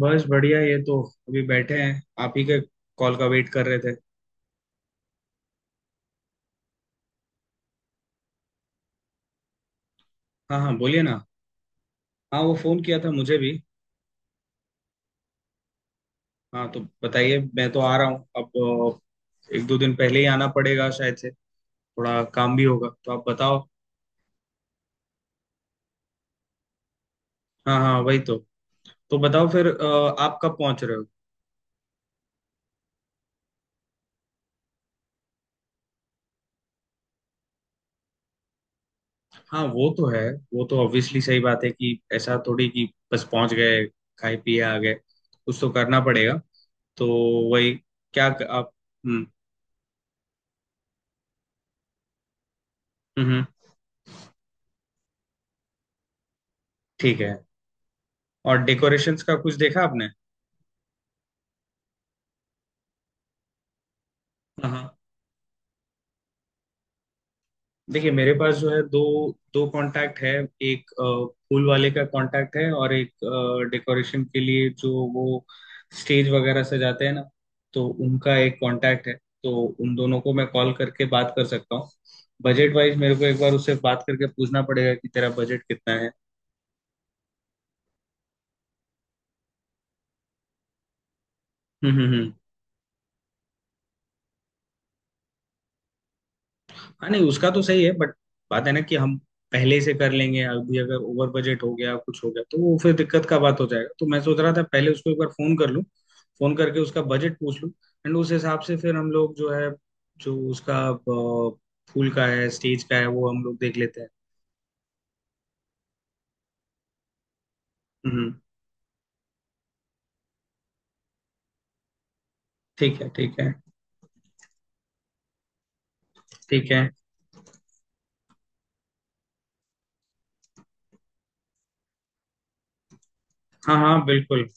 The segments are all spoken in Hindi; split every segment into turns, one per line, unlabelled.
बस बढ़िया। ये तो अभी बैठे हैं, आप ही के कॉल का वेट कर रहे थे। हाँ हाँ, बोलिए ना। हाँ, वो फोन किया था मुझे भी। हाँ तो बताइए, मैं तो आ रहा हूँ अब। एक दो दिन पहले ही आना पड़ेगा शायद से। थोड़ा काम भी होगा, तो आप बताओ। हाँ हाँ, वही तो। तो बताओ फिर, आप कब पहुंच रहे हो। हाँ वो तो है। वो तो ऑब्वियसली सही बात है कि ऐसा थोड़ी कि बस पहुंच गए, खाए पिए आ गए। कुछ तो करना पड़ेगा। तो वही, क्या आप। हम्म हम्म हम्म, ठीक है। और डेकोरेशंस का कुछ देखा आपने। हाँ हाँ, देखिए मेरे पास जो है, दो दो कांटेक्ट है। एक फूल वाले का कांटेक्ट है, और एक डेकोरेशन के लिए जो वो स्टेज वगैरह सजाते हैं ना, तो उनका एक कांटेक्ट है। तो उन दोनों को मैं कॉल करके बात कर सकता हूँ। बजट वाइज मेरे को एक बार उससे बात करके पूछना पड़ेगा कि तेरा बजट कितना है। हम्म। हाँ नहीं, उसका तो सही है बट बात है ना कि हम पहले से कर लेंगे। अभी अगर ओवर बजट हो गया, कुछ हो गया, तो वो फिर दिक्कत का बात हो जाएगा। तो मैं सोच रहा था पहले उसको एक बार फोन कर लूँ, फोन करके उसका बजट पूछ लूँ। एंड उस हिसाब से फिर हम लोग जो है, जो उसका फूल का है, स्टेज का है, वो हम लोग देख लेते हैं। हम्म, ठीक है ठीक है ठीक है। हाँ हाँ बिल्कुल।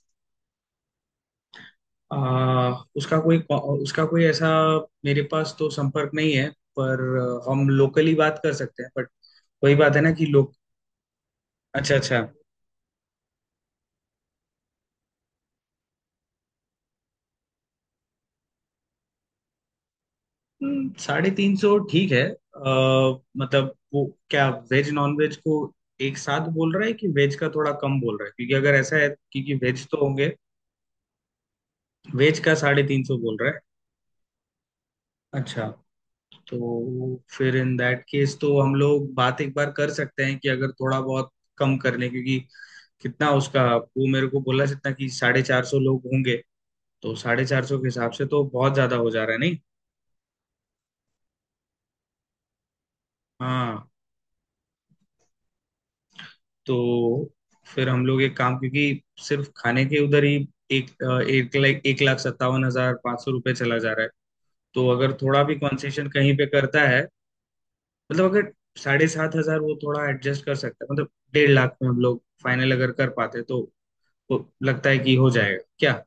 आ, उसका कोई, उसका कोई ऐसा मेरे पास तो संपर्क नहीं है, पर हम लोकली बात कर सकते हैं। बट वही बात है ना कि लोग। अच्छा अच्छा। 350 ठीक है। मतलब वो क्या वेज नॉन वेज को एक साथ बोल रहा है, कि वेज का थोड़ा कम बोल रहा है? क्योंकि अगर ऐसा है, क्योंकि वेज तो होंगे। वेज का 350 बोल रहा है? अच्छा। तो फिर इन दैट केस तो हम लोग बात एक बार कर सकते हैं कि अगर थोड़ा बहुत कम कर लें, क्योंकि कितना उसका वो मेरे को बोला जितना कि 450 लोग होंगे। तो 450 के हिसाब से तो बहुत ज्यादा हो जा रहा है नहीं? हाँ। तो फिर हम लोग एक काम, क्योंकि सिर्फ खाने के उधर ही एक लाख 1,57,500 रुपये चला जा रहा है। तो अगर थोड़ा भी कंसेशन कहीं पे करता है, मतलब अगर 7,500 वो थोड़ा एडजस्ट कर सकता है, मतलब 1,50,000 में हम लोग फाइनल अगर कर पाते, तो लगता है कि हो जाएगा क्या।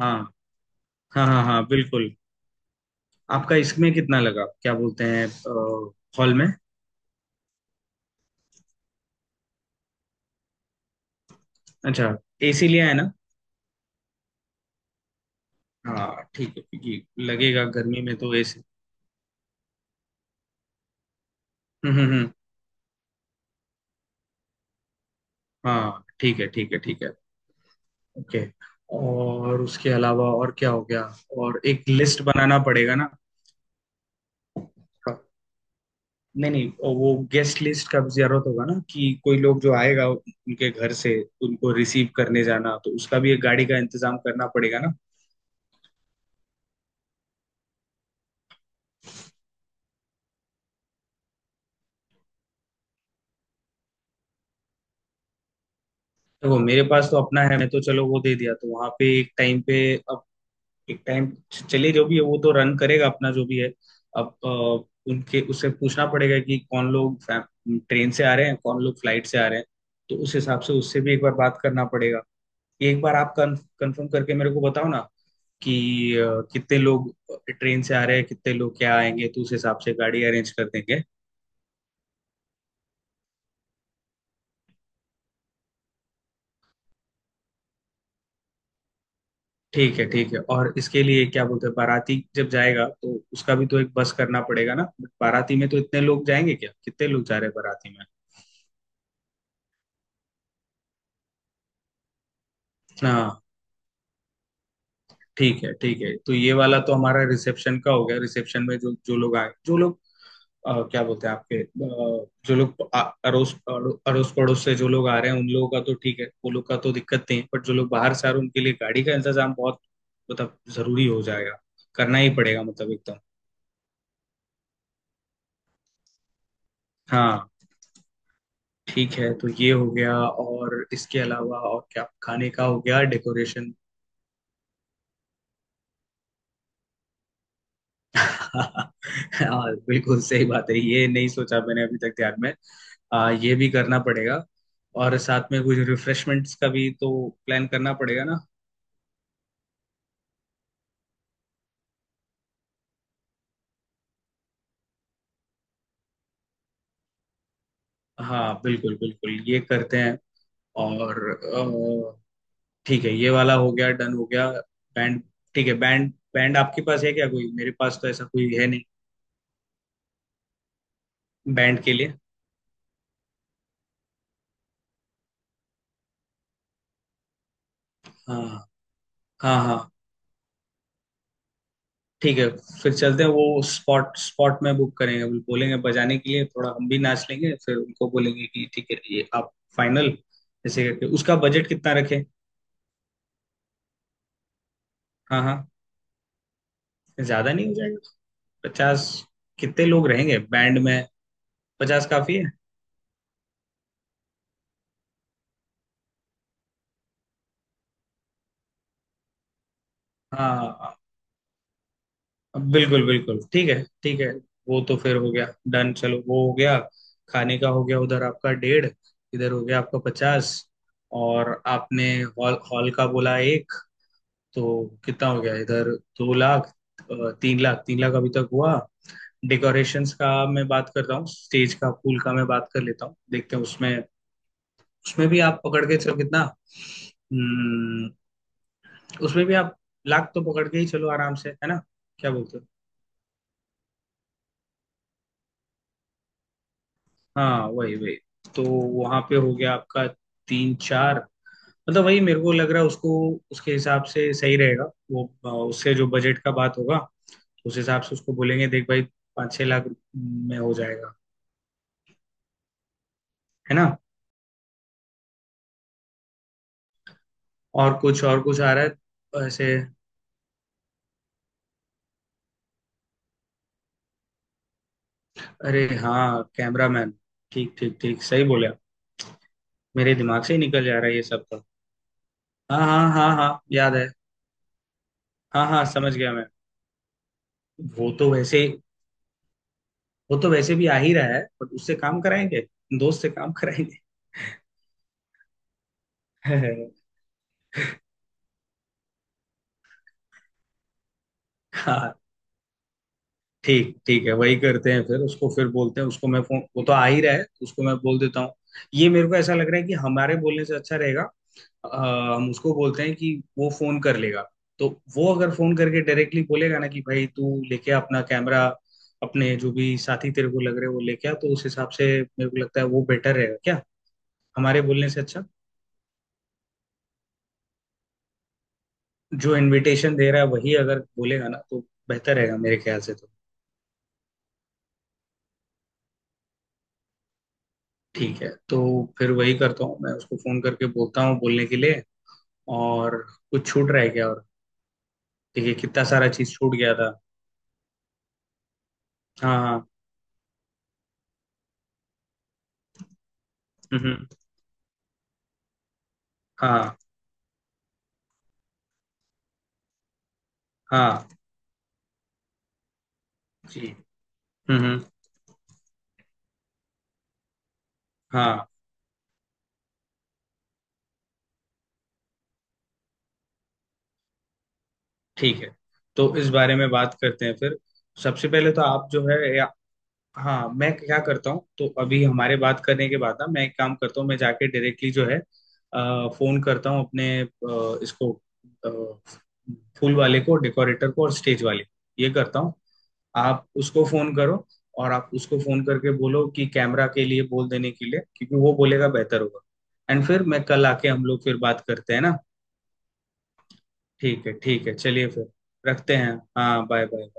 हाँ हाँ हाँ, हाँ बिल्कुल। आपका इसमें कितना लगा, क्या बोलते हैं, हॉल में? अच्छा, एसी लिया है ना। हाँ ठीक है, क्योंकि लगेगा गर्मी में तो एसी। हाँ ठीक है ठीक है ठीक है, ओके। और उसके अलावा और क्या हो गया, और एक लिस्ट बनाना पड़ेगा ना। नहीं नहीं, वो गेस्ट लिस्ट का भी जरूरत होगा ना, कि कोई लोग जो आएगा उनके घर से, उनको रिसीव करने जाना। तो उसका भी एक गाड़ी का इंतजाम करना पड़ेगा ना। देखो मेरे पास तो अपना है, मैं तो चलो वो दे दिया, तो वहां पे एक टाइम पे, एक टाइम, चलिए जो भी है वो तो रन करेगा अपना जो भी है। अब उनके उससे पूछना पड़ेगा कि कौन लोग ट्रेन से आ रहे हैं, कौन लोग फ्लाइट से आ रहे हैं। तो उस हिसाब से उससे भी एक बार बात करना पड़ेगा। एक बार आप कंफर्म करके मेरे को बताओ ना, कि कितने लोग ट्रेन से आ रहे हैं, कितने लोग क्या आएंगे। तो उस हिसाब से गाड़ी अरेंज कर देंगे। ठीक है ठीक है। और इसके लिए क्या बोलते हैं, बाराती जब जाएगा तो उसका भी तो एक बस करना पड़ेगा ना। बट बाराती में तो इतने लोग जाएंगे क्या, कितने लोग जा रहे हैं बाराती में? हाँ ठीक है ठीक है। तो ये वाला तो हमारा रिसेप्शन का हो गया। रिसेप्शन में जो जो लोग आए, जो लोग क्या बोलते हैं आपके, अड़ोस पड़ोस से जो लोग आ रहे हैं, उन लोगों का तो ठीक है, वो लोग का तो दिक्कत नहीं है। बट जो लोग बाहर से आ रहे हैं, उनके लिए गाड़ी का इंतजाम बहुत मतलब जरूरी हो जाएगा, करना ही पड़ेगा मतलब एकदम। हाँ ठीक है। तो ये हो गया। और इसके अलावा और क्या, खाने का हो गया, डेकोरेशन। हाँ बिल्कुल सही बात है, ये नहीं सोचा मैंने अभी तक ध्यान में। ये भी करना पड़ेगा। और साथ में कुछ रिफ्रेशमेंट्स का भी तो प्लान करना पड़ेगा ना। हाँ बिल्कुल बिल्कुल, ये करते हैं। और ठीक है ये वाला हो गया, डन हो गया। बैंड, ठीक है, बैंड बैंड आपके पास है क्या कोई? मेरे पास तो ऐसा कोई है नहीं बैंड के लिए। हाँ हाँ हाँ, ठीक है। फिर चलते हैं, वो स्पॉट स्पॉट में बुक करेंगे, वो बोलेंगे बजाने के लिए, थोड़ा हम भी नाच लेंगे, फिर उनको बोलेंगे कि ठीक है ये आप फाइनल। ऐसे करके उसका बजट कितना रखें। हाँ हाँ, ज्यादा नहीं हो जाएगा 50? कितने लोग रहेंगे बैंड में, 50 काफी है। हाँ हाँ, हाँ, बिल्कुल बिल्कुल ठीक है ठीक है। वो तो फिर हो गया, डन, चलो वो हो गया। खाने का हो गया उधर आपका 1.5 लाख, इधर हो गया आपका 50, और आपने हॉल, हॉल का बोला एक। तो कितना हो गया इधर, 2 लाख, 3 लाख, 3 लाख अभी तक हुआ। डेकोरेशंस का मैं बात कर रहा हूँ, स्टेज का फूल का मैं बात कर लेता हूँ, देखते हैं उसमें। उसमें भी आप पकड़ के चलो कितना, हम्म, उसमें भी आप लाख तो पकड़ के ही चलो आराम से है ना, क्या बोलते हो। हाँ वही वही। तो वहां पे हो गया आपका तीन चार, मतलब वही मेरे को लग रहा है उसको, उसके हिसाब से सही रहेगा। वो उससे जो बजट का बात होगा उस हिसाब से उसको बोलेंगे, देख भाई 5-6 लाख में हो जाएगा, है ना। और कुछ आ रहा है तो ऐसे। अरे हाँ, कैमरामैन, ठीक ठीक ठीक, सही बोले आप। मेरे दिमाग से ही निकल जा रहा है ये सब तो। हाँ हाँ हाँ हाँ, याद है। हाँ हाँ, समझ गया मैं। वो तो वैसे वो तो वैसे भी आ ही रहा है, पर उससे काम कराएंगे, दोस्त से काम कराएंगे। हाँ ठीक ठीक है, वही करते हैं। फिर उसको फिर बोलते हैं, उसको मैं फोन, वो तो आ ही रहा है, उसको मैं बोल देता हूँ। ये मेरे को ऐसा लग रहा है कि हमारे बोलने से अच्छा रहेगा। हम उसको बोलते हैं कि वो फोन कर लेगा। तो वो अगर फोन करके डायरेक्टली बोलेगा ना कि भाई तू लेके आ अपना कैमरा, अपने जो भी साथी तेरे को लग रहे हैं वो लेके आ, तो उस हिसाब से मेरे को लगता है वो बेटर रहेगा क्या, हमारे बोलने से अच्छा। जो इनविटेशन दे रहा है वही अगर बोलेगा ना, तो बेहतर रहेगा मेरे ख्याल से तो। ठीक है, तो फिर वही करता हूँ, मैं उसको फोन करके बोलता हूँ बोलने के लिए। और कुछ छूट रहा है क्या और। देखिए कितना सारा चीज छूट गया था। हाँ हाँ। हम्म। हाँ। हाँ। जी। हम्म हम्म, हाँ। ठीक है, तो इस बारे में बात करते हैं फिर। सबसे पहले तो आप जो है, या हाँ मैं क्या करता हूँ, तो अभी हमारे बात करने के बाद ना, मैं एक काम करता हूँ, मैं जाके डायरेक्टली जो है, फोन करता हूँ अपने, इसको अ, फूल वाले को, डेकोरेटर को, और स्टेज वाले को। ये करता हूँ। आप उसको फोन करो, और आप उसको फोन करके बोलो कि कैमरा के लिए बोल देने के लिए, क्योंकि वो बोलेगा बेहतर होगा। एंड फिर मैं कल आके हम लोग फिर बात करते हैं ना। ठीक है ठीक है, चलिए फिर, रखते हैं। हाँ बाय बाय।